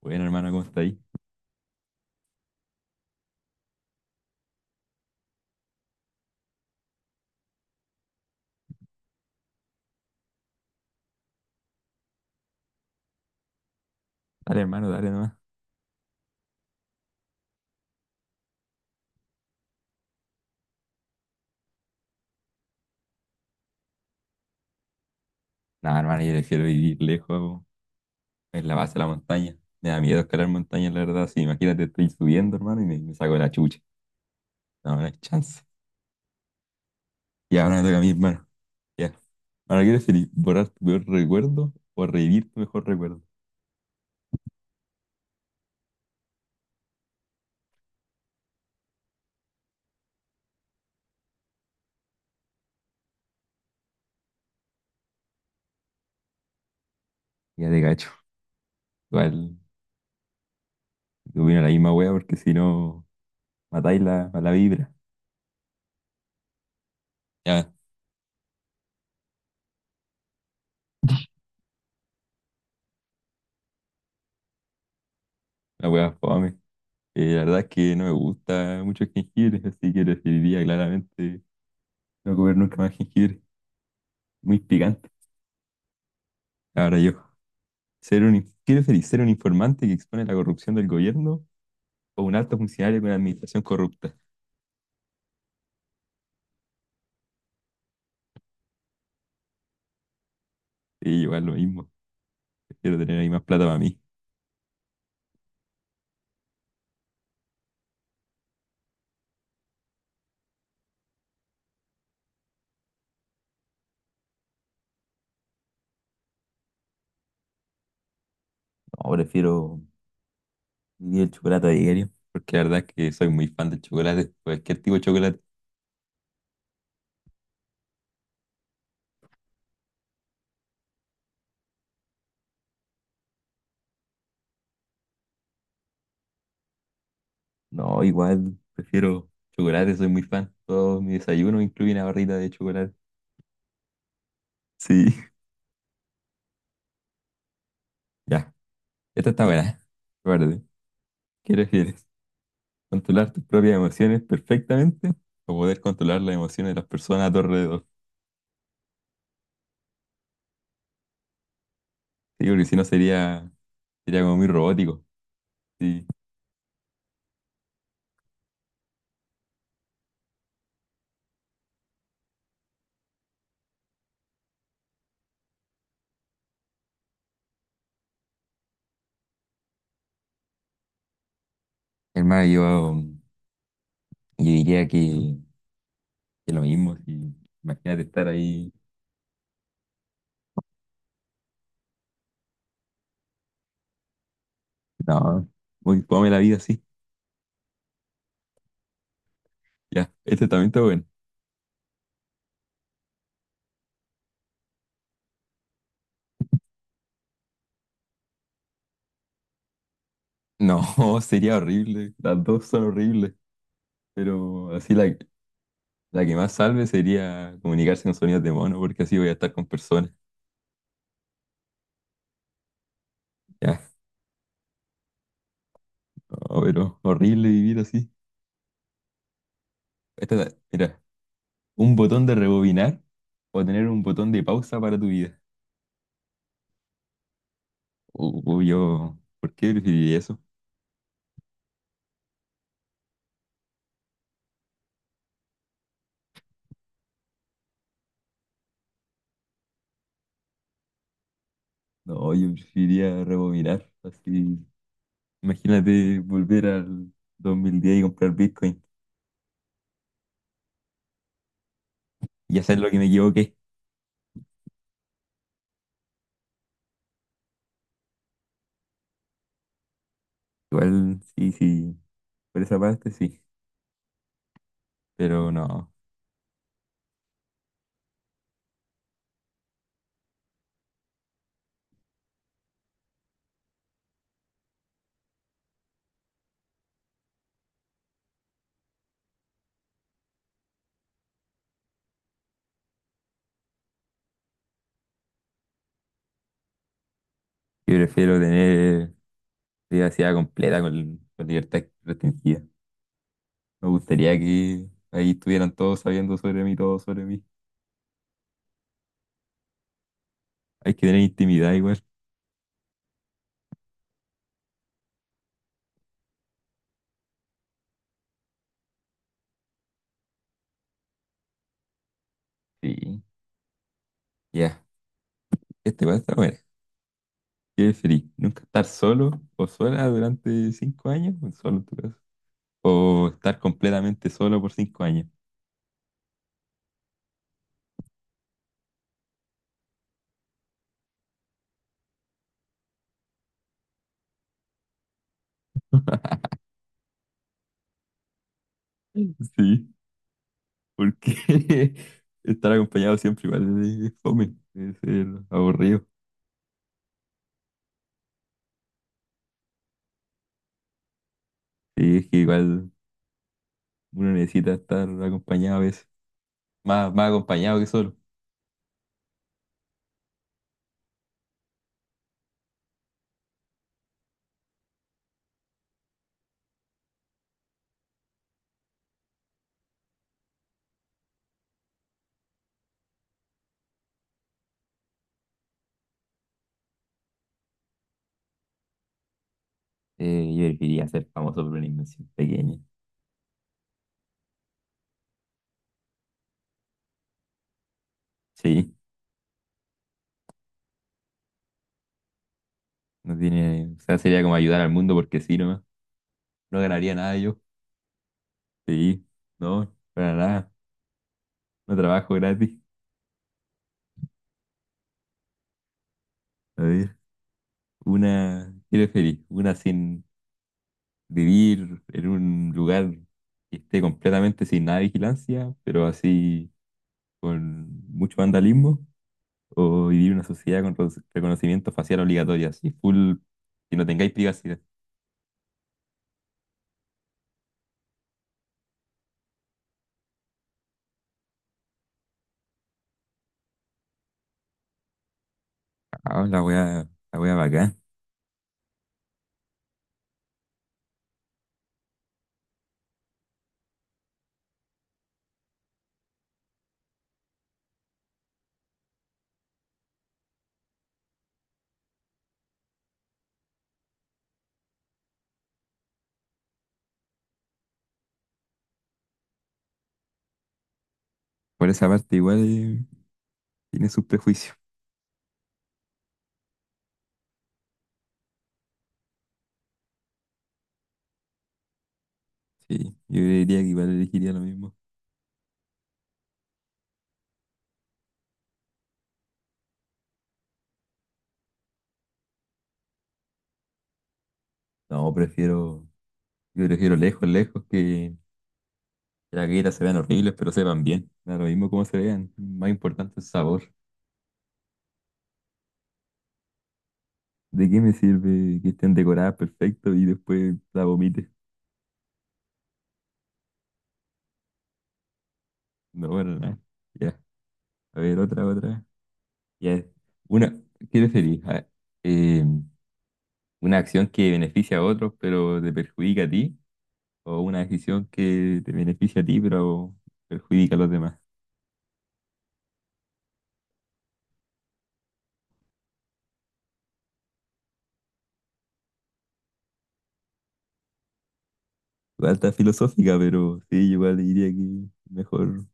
Bueno, hermano, ¿cómo está ahí? Dale, hermano, dale nomás. Nada, hermano, yo prefiero vivir lejos, po, en la base de la montaña. Me da miedo escalar montañas, la verdad. Sí, imagínate, estoy subiendo, hermano, y me saco la chucha. No, no hay chance. Y ahora me toca a mí, hermano. Ya. Ahora, ¿quieres preferís? ¿Borrar tu peor recuerdo o revivir tu mejor recuerdo? Ya te cacho. Igual, te opino la misma wea, porque si no, matáis la, a la vibra. Ya, la wea fome. La verdad es que no me gusta mucho el jengibre, así que preferiría claramente no comer nunca más jengibre. Muy picante. Ahora yo, ser un, ¿qué preferís? ¿Ser un informante que expone la corrupción del gobierno o un alto funcionario con una administración corrupta? Sí, igual lo mismo. Prefiero tener ahí más plata para mí. No, prefiero vivir el chocolate a diario, porque la verdad es que soy muy fan del chocolate, cualquier tipo de chocolate. No, igual. Prefiero chocolate, soy muy fan. Todo mi desayuno incluye una barrita de chocolate. Sí. Ya. Esta está buena. Guarde. ¿Qué prefieres? ¿Controlar tus propias emociones perfectamente o poder controlar las emociones de las personas a tu alrededor? Sí, porque si no sería, sería como muy robótico. Sí. Hermano, yo diría que lo mismo. Sí. Imagínate estar ahí. No, muy fome la vida así. Ya, este también está bueno. No, sería horrible. Las dos son horribles. Pero así la, la que más salve sería comunicarse con sonidos de mono, porque así voy a estar con personas. Ya, no, pero horrible vivir así. Esta, mira, un botón de rebobinar o tener un botón de pausa para tu vida. Yo, ¿por qué preferiría eso? No, yo preferiría rebobinar. Así, imagínate volver al 2010 y comprar Bitcoin y hacer lo que me equivoqué. Igual, sí, sí, por esa parte sí. Pero no, yo prefiero tener privacidad completa con libertad restringida. Me gustaría que ahí estuvieran todos sabiendo sobre mí, todo sobre mí. Hay que tener intimidad igual. Sí, ya. Este va a estar bueno. ¿Qué preferís? ¿Nunca estar solo o sola durante 5 años? Solo en tu caso. O estar completamente solo por 5 años. Mm. Sí, porque estar acompañado siempre igual es fome, es aburrido. Sí, es que igual uno necesita estar acompañado a veces, más acompañado que solo. Yo elegiría ser famoso por una invención pequeña. Sí, no tiene, o sea, sería como ayudar al mundo porque sí, nomás. No ganaría nada yo. Sí, no, para nada. No trabajo gratis. A ver, una, ¿quiero feliz? Una sin vivir en un lugar que esté completamente sin nada de vigilancia, pero así con mucho vandalismo, o vivir en una sociedad con reconocimiento facial obligatorio, así full, que no tengáis privacidad. Ah, la wea bacán. Por esa parte igual tiene sus prejuicios. Sí, yo diría que igual elegiría lo mismo. No, prefiero, yo prefiero lejos, lejos que las galletas se vean horribles, pero sepan bien. Da lo mismo como se vean, más importante el sabor. ¿De qué me sirve que estén decoradas perfecto y después la vomites? No, para nada. Ya, a ver, otra, otra. Ya, una, ¿qué preferís? Eh, ¿Una acción que beneficia a otros pero te perjudica a ti? ¿O una decisión que te beneficia a ti pero perjudica a los demás? Igual está filosófica, pero sí, igual diría que mejor,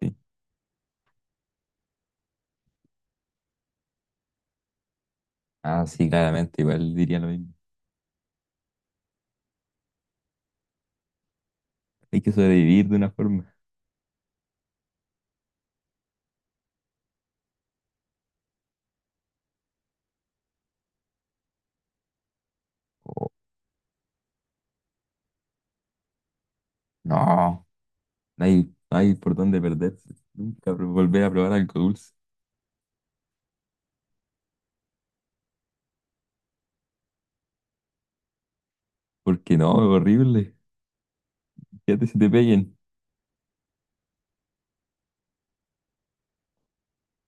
sí. Ah, sí, claramente, igual diría lo mismo. Hay que sobrevivir de una forma. Oh, no. No hay, no hay por dónde perderse. Nunca volver a probar algo dulce. Porque no, es horrible. Fíjate si te peguen.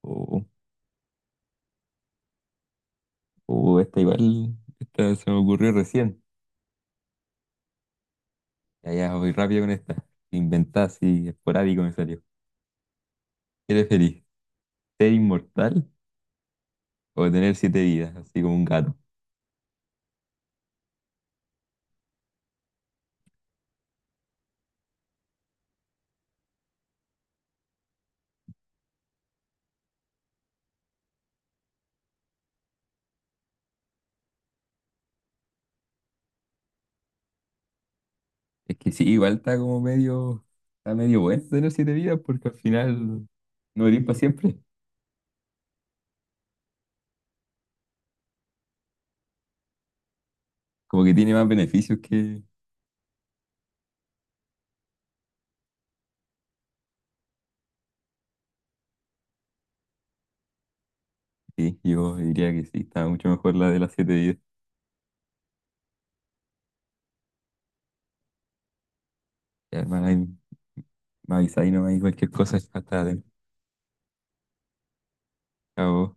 O esta igual, esta se me ocurrió recién. Ya, ya, voy rápido con esta. Inventada así, esporádico me salió. ¿Eres feliz? ¿Ser inmortal o tener 7 vidas? Así como un gato. Es que sí, igual está como medio, está medio bueno tener 7 vidas porque al final no vivir para siempre. Como que tiene más beneficios que... Sí, yo diría que sí, está mucho mejor la de las 7 vidas. Ya, hermano, ahí me avisa ahí nomás y cualquier cosa, hasta luego.